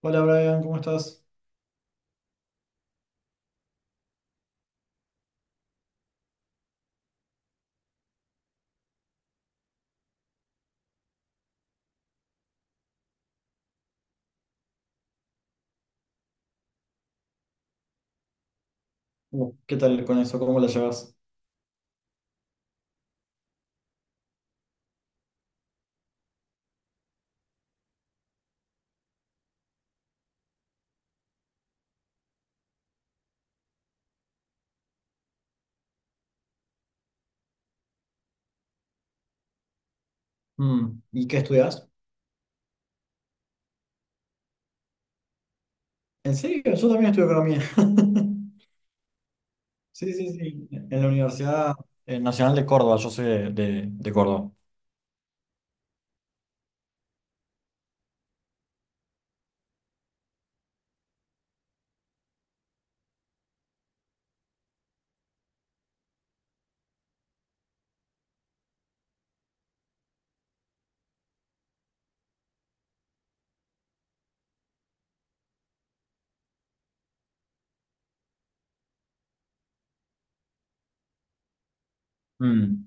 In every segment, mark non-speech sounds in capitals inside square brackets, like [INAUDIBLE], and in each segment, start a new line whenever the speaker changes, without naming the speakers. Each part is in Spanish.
Hola Brian, ¿cómo estás? ¿Qué tal con eso? ¿Cómo la llevas? ¿Y qué estudias? ¿En serio? Yo también estudio economía. [LAUGHS] Sí, sí, sí. En la Universidad Nacional de Córdoba, yo soy de Córdoba. Mm.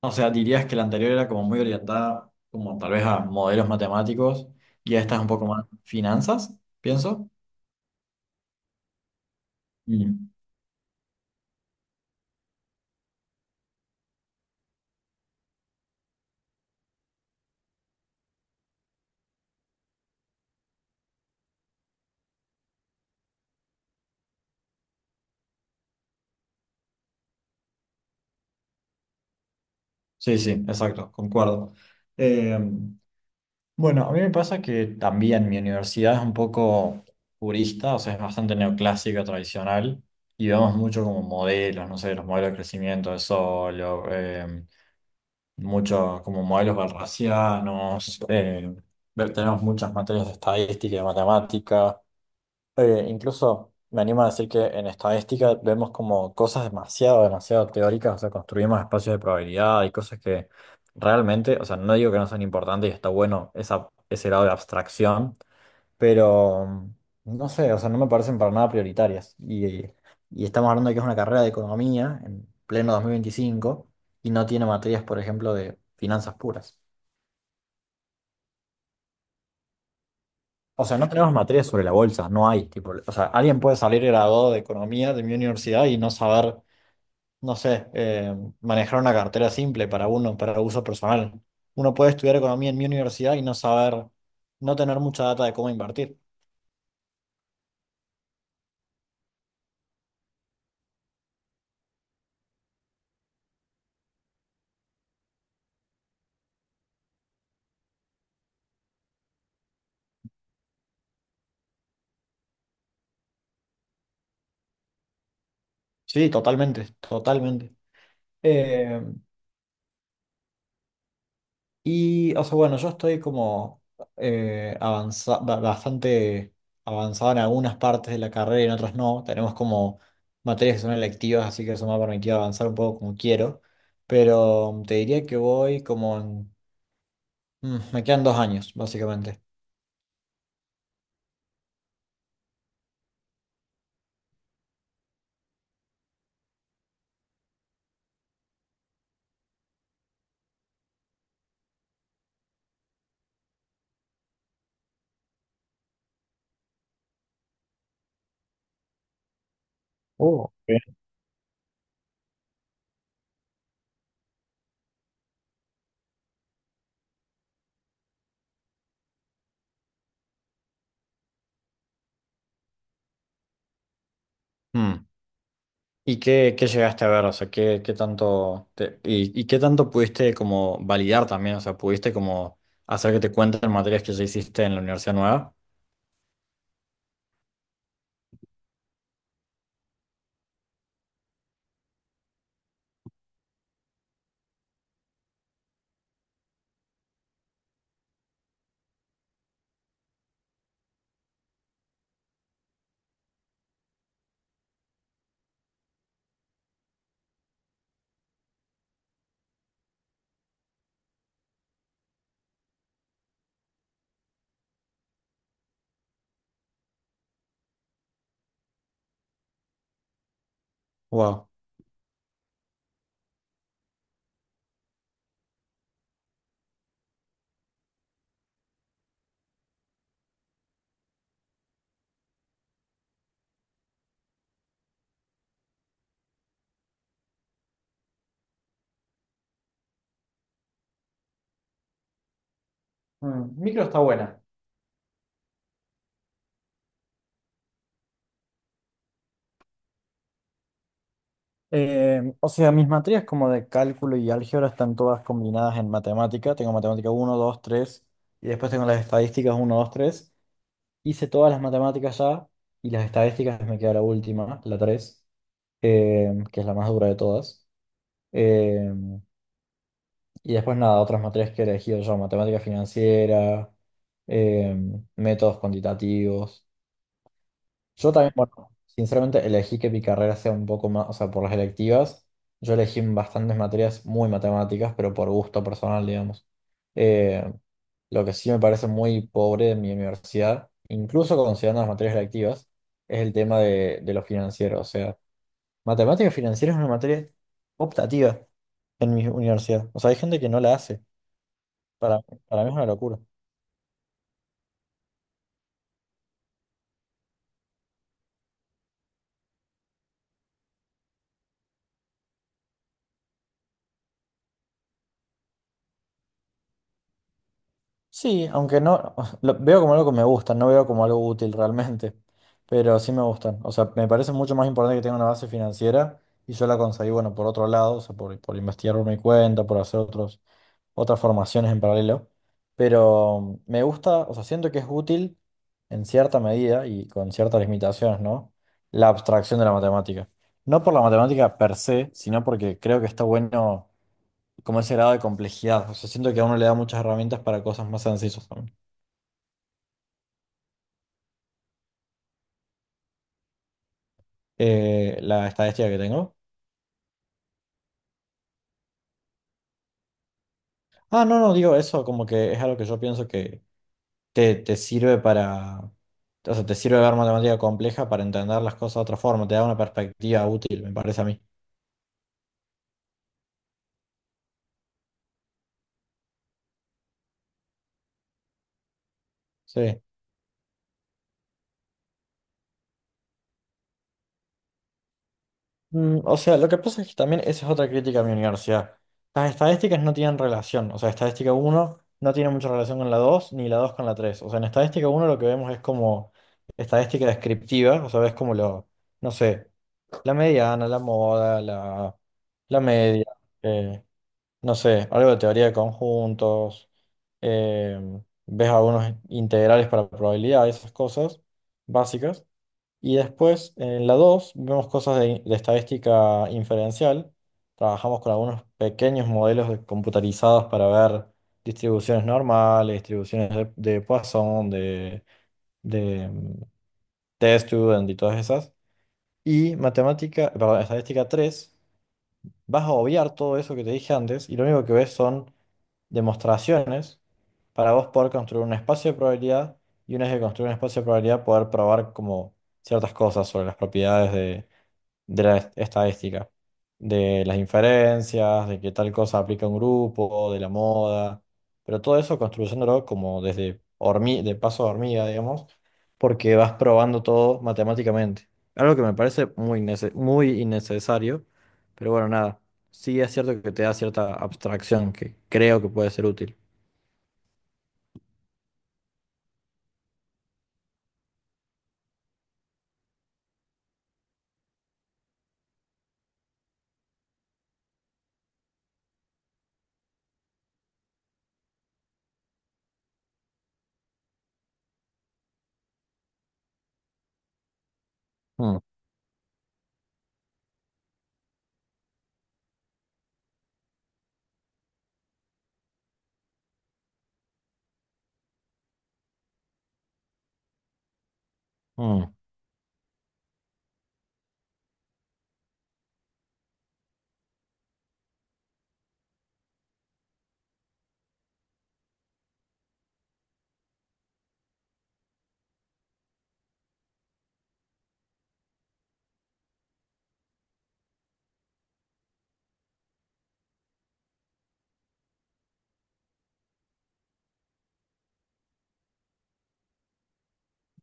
O sea, dirías que la anterior era como muy orientada, como tal vez a modelos matemáticos, y esta es un poco más finanzas, pienso. Mm. Sí, sí, exacto, concuerdo. Eh, Bueno, a mí me pasa que también mi universidad es un poco purista, o sea, es bastante neoclásica, tradicional, y vemos mucho como modelos, no sé, los modelos de crecimiento de Solow, mucho como modelos balracianos, tenemos muchas materias de estadística y de matemática, incluso me animo a decir que en estadística vemos como cosas demasiado, demasiado teóricas, o sea, construimos espacios de probabilidad y cosas que realmente, o sea, no digo que no son importantes y está bueno ese grado de abstracción, pero no sé, o sea, no me parecen para nada prioritarias. Y estamos hablando de que es una carrera de economía en pleno 2025 y no tiene materias, por ejemplo, de finanzas puras. O sea, no tenemos materias sobre la bolsa, no hay, tipo, o sea, alguien puede salir graduado de economía de mi universidad y no saber, no sé, manejar una cartera simple para uno, para uso personal. Uno puede estudiar economía en mi universidad y no saber, no tener mucha data de cómo invertir. Sí, totalmente, totalmente. Eh, y, o sea, bueno, yo estoy como bastante avanzado en algunas partes de la carrera y en otras no. Tenemos como materias que son electivas, así que eso me ha permitido avanzar un poco como quiero. Pero te diría que voy como en... mm, me quedan dos años, básicamente. Oh, ok. Mm. ¿Y qué llegaste a ver? O sea, ¿qué tanto y, qué tanto pudiste como validar también? O sea, ¿pudiste como hacer que te cuenten materias que ya hiciste en la universidad nueva? Wow. Micro está buena. O sea, mis materias como de cálculo y álgebra están todas combinadas en matemática. Tengo matemática uno, 2, 3 y después tengo las estadísticas uno, 2, 3. Hice todas las matemáticas ya y las estadísticas me queda la última, la 3, que es la más dura de todas. Eh, Y después nada, otras materias que he elegido yo, matemática financiera, eh, métodos cuantitativos. Yo también, bueno, sinceramente elegí que mi carrera sea un poco más, o sea, por las electivas, yo elegí bastantes materias muy matemáticas, pero por gusto personal, digamos. Eh, lo que sí me parece muy pobre de mi universidad, incluso considerando las materias electivas, es el tema de lo financiero. O sea, matemática financiera es una materia optativa en mi universidad. O sea, hay gente que no la hace. Para, para mí es una locura. Sí, aunque no, [LAUGHS] lo veo como algo que me gusta, no veo como algo útil realmente, pero sí me gustan. O sea, me parece mucho más importante que tenga una base financiera y yo la conseguí, bueno, por otro lado, o sea, por investigar por mi cuenta, por hacer otros, otras formaciones en paralelo. Pero me gusta, o sea, siento que es útil en cierta medida y con ciertas limitaciones, ¿no? La abstracción de la matemática. No por la matemática per se, sino porque creo que está bueno como ese grado de complejidad. O sea, siento que a uno le da muchas herramientas para cosas más sencillas también. La estadística que tengo. Ah, no, no, digo eso, como que es algo que yo pienso que te sirve para, o sea, te sirve ver matemática compleja para entender las cosas de otra forma, te da una perspectiva útil, me parece a mí. Sí. O sea, lo que pasa es que también esa es otra crítica a mi universidad. Las estadísticas no tienen relación. O sea, estadística uno no tiene mucha relación con la 2, ni la 2 con la 3. O sea, en estadística uno lo que vemos es como estadística descriptiva. O sea, ves como lo, no sé, la mediana, la moda, la media, eh, no sé, algo de teoría de conjuntos. eh, ves algunos integrales para probabilidad, esas cosas básicas. Y después, en la 2 vemos cosas de estadística inferencial. Trabajamos con algunos pequeños modelos computarizados para ver distribuciones normales, distribuciones de Poisson, de test student y todas esas. Y matemática, perdón, estadística 3 vas a obviar todo eso que te dije antes y lo único que ves son demostraciones para vos poder construir un espacio de probabilidad y una vez que construir un espacio de probabilidad poder probar como ciertas cosas sobre las propiedades de la estadística, de las inferencias, de que tal cosa aplica a un grupo, de la moda, pero todo eso construyéndolo como desde de paso a hormiga, digamos, porque vas probando todo matemáticamente. Algo que me parece muy innecesario, pero bueno, nada, sí es cierto que te da cierta abstracción que creo que puede ser útil. Mm, mm.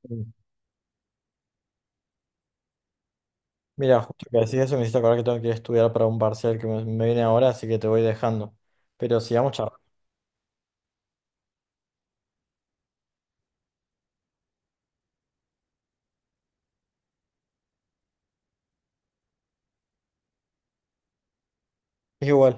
Mm. Mira, justo que decís eso, me hiciste acordar que tengo que ir a estudiar para un parcial que me viene ahora, así que te voy dejando. Pero sigamos charlando. Igual.